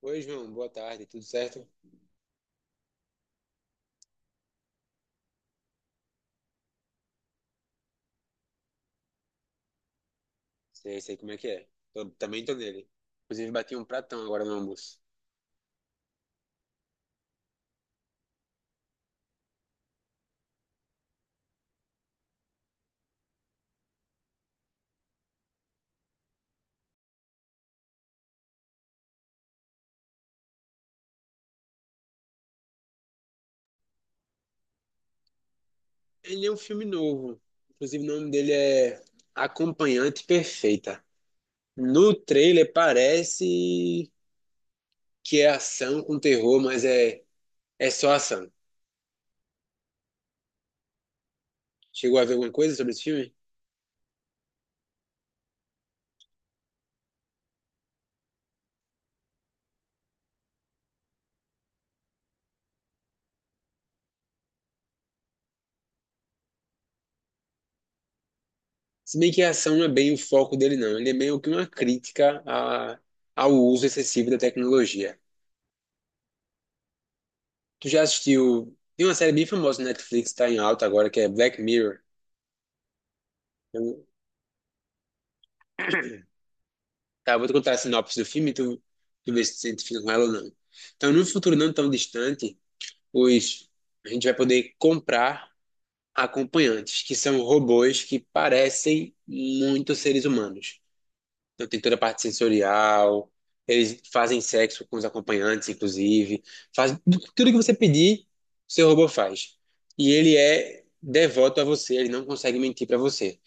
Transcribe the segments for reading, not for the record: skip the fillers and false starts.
Oi, João, boa tarde, tudo certo? Sei como é que é. Também tô nele. Inclusive, bati um pratão agora no almoço. Ele é um filme novo. Inclusive, o nome dele é Acompanhante Perfeita. No trailer parece que é ação com terror, é só ação. Chegou a ver alguma coisa sobre esse filme? Se bem que a ação não é bem o foco dele, não. Ele é meio que uma ao uso excessivo da tecnologia. Tu já assistiu? Tem uma série bem famosa na Netflix, tá em alta agora, que é Black Mirror. Eu, tá, eu vou te contar a sinopse do filme, tu vê se tu se identifica com ela ou não. Então, num futuro não tão distante, os, a gente vai poder comprar acompanhantes, que são robôs que parecem muito seres humanos. Então, tem toda a parte sensorial, eles fazem sexo com os acompanhantes, inclusive. Faz, tudo que você pedir, o seu robô faz. E ele é devoto a você, ele não consegue mentir para você.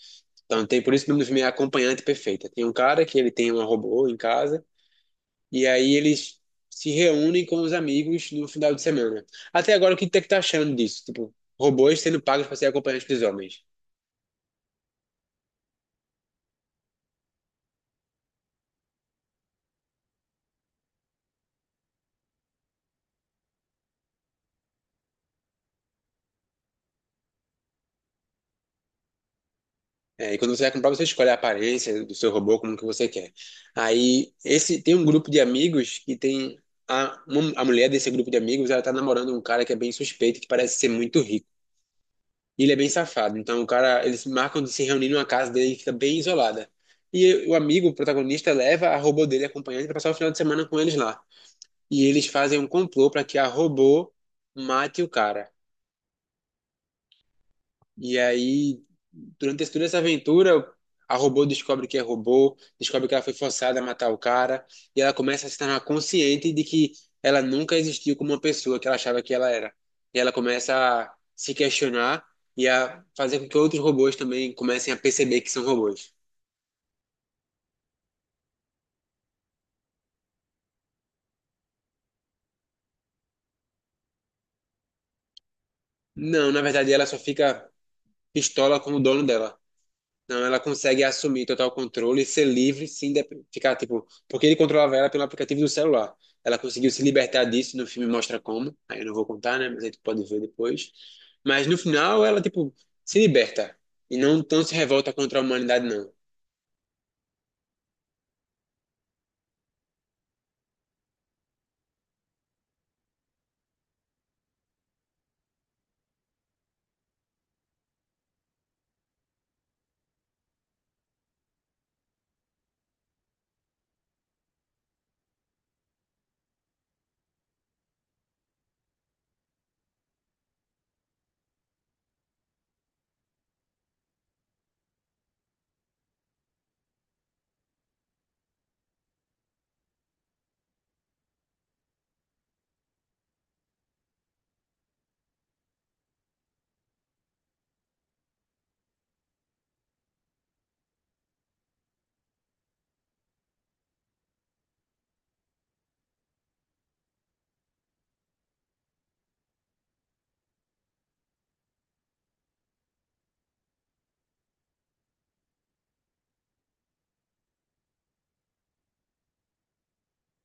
Então, por isso que o nome do filme é Acompanhante Perfeita. Tem um cara que ele tem um robô em casa. E aí eles se reúnem com os amigos no final de semana. Até agora, o que você tá achando disso? Tipo, robôs sendo pagos para ser acompanhantes dos homens. É, e quando você vai comprar, você escolhe a aparência do seu robô, como que você quer. Aí, esse tem um grupo de amigos que tem... a mulher desse grupo de amigos, ela tá namorando um cara que é bem suspeito, que parece ser muito rico. E ele é bem safado. Então, o cara... Eles marcam de se reunir numa casa dele que fica bem isolada. E o amigo, o protagonista, leva a robô dele acompanhante para passar o final de semana com eles lá. E eles fazem um complô para que a robô mate o cara. E aí, toda essa aventura, a robô descobre que é robô, descobre que ela foi forçada a matar o cara, e ela começa a se tornar consciente de que ela nunca existiu como uma pessoa que ela achava que ela era. E ela começa a se questionar e a fazer com que outros robôs também comecem a perceber que são robôs. Não, na verdade, ela só fica pistola com o dono dela. Não, ela consegue assumir total controle e ser livre, sim, ficar tipo, porque ele controlava ela pelo aplicativo do celular. Ela conseguiu se libertar disso, no filme mostra como. Aí eu não vou contar, né? Mas aí tu pode ver depois. Mas no final ela tipo se liberta e não tão se revolta contra a humanidade não.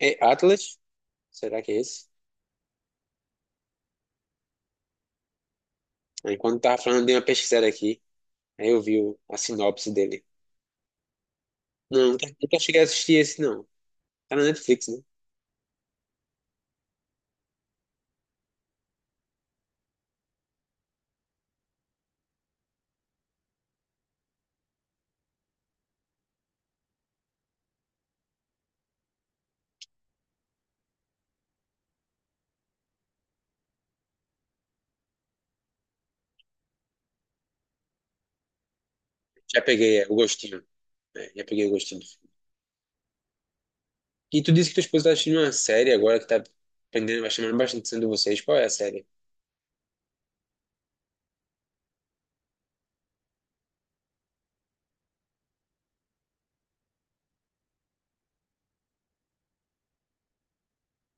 É Atlas? Será que é esse? Aí quando tava falando de uma pesquisada aqui, aí eu a sinopse dele. Não, nunca cheguei a assistir esse não. Tá na Netflix, né? O gostinho. É, já peguei o gostinho. E tu disse que tua esposa tá assistindo uma série agora que tá aprendendo vai chamando bastante atenção de vocês. Qual é a série?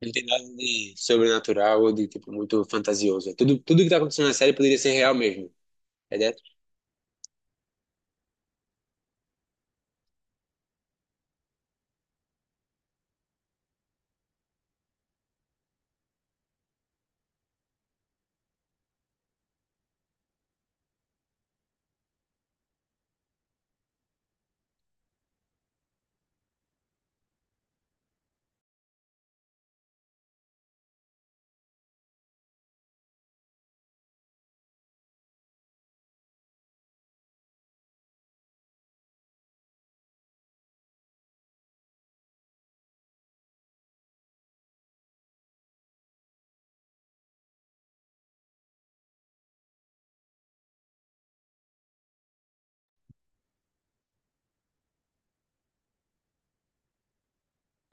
Não tem nada de sobrenatural ou de tipo muito fantasioso. Tudo que tá acontecendo na série poderia ser real mesmo. É de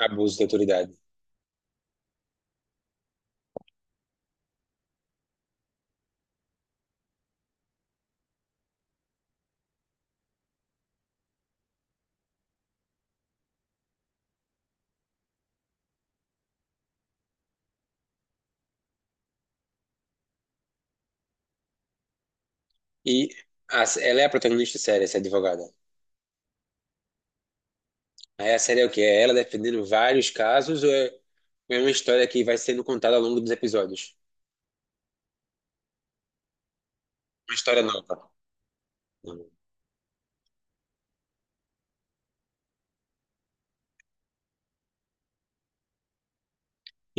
abuso de autoridade. E ela é a protagonista da série, essa advogada. Aí a série é o quê? É ela defendendo vários casos, ou é uma história que vai sendo contada ao longo dos episódios? Uma história nova.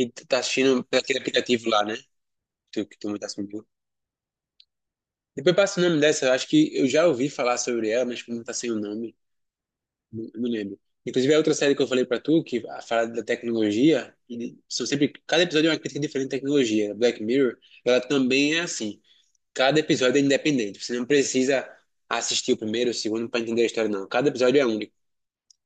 E tu tá assistindo pelo aquele aplicativo lá, né? Tu, que tu me tá Depois passa o nome dessa, eu acho que eu já ouvi falar sobre ela, mas como tá sem o nome, não lembro. Inclusive, a outra série que eu falei pra tu, que fala da tecnologia, e são sempre, cada episódio é uma crítica diferente à tecnologia. Black Mirror, ela também é assim. Cada episódio é independente. Você não precisa assistir o primeiro, o segundo pra entender a história, não. Cada episódio é único.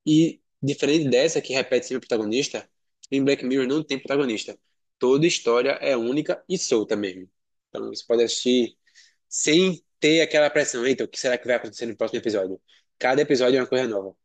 E diferente dessa, que repete sempre o protagonista, em Black Mirror não tem protagonista. Toda história é única e solta mesmo. Então, você pode assistir sem ter aquela pressão. Então, o que será que vai acontecer no próximo episódio? Cada episódio é uma coisa nova.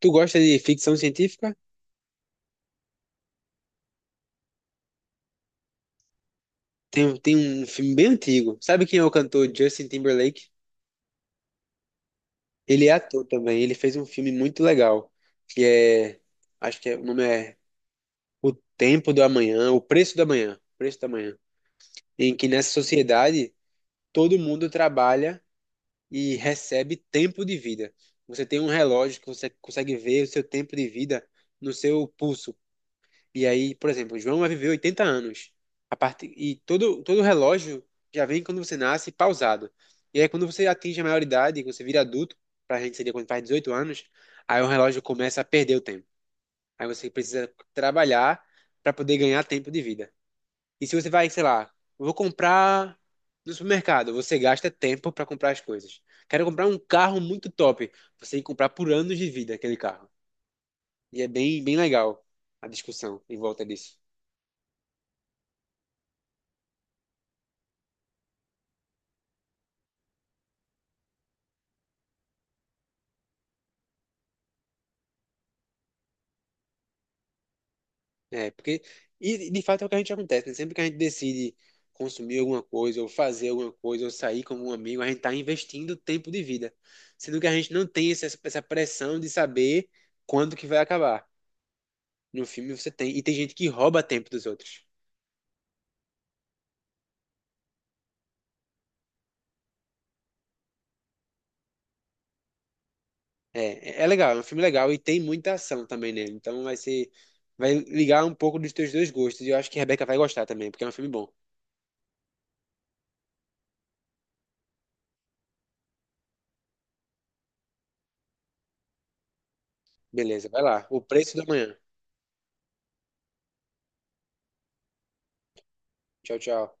Tu gosta de ficção científica? Tem um filme bem antigo. Sabe quem é o cantor Justin Timberlake? Ele é ator também. Ele fez um filme muito legal, que é, acho que é, o nome é O Tempo do Amanhã, O Preço do Amanhã, O Preço do Amanhã, em que nessa sociedade todo mundo trabalha e recebe tempo de vida. Você tem um relógio que você consegue ver o seu tempo de vida no seu pulso. E aí, por exemplo, o João vai viver 80 anos. A parte, e todo relógio já vem quando você nasce pausado. E aí, quando você atinge a maioridade, quando você vira adulto, pra gente seria quando faz 18 anos, aí o relógio começa a perder o tempo. Aí você precisa trabalhar para poder ganhar tempo de vida. E se você vai, sei lá, eu vou comprar no supermercado, você gasta tempo para comprar as coisas. Quero comprar um carro muito top. Você tem que comprar por anos de vida aquele carro. E é bem legal a discussão em volta disso. É, porque, e de fato é o que a gente acontece, né? Sempre que a gente decide consumir alguma coisa, ou fazer alguma coisa, ou sair como um amigo, a gente tá investindo tempo de vida. Sendo que a gente não tem essa pressão de saber quando que vai acabar. No filme você tem, e tem gente que rouba tempo dos outros. É legal, é um filme legal e tem muita ação também nele. Vai ligar um pouco dos teus dois gostos. E eu acho que a Rebeca vai gostar também, porque é um filme bom. Beleza, vai lá. O Preço da Manhã. Tchau, tchau.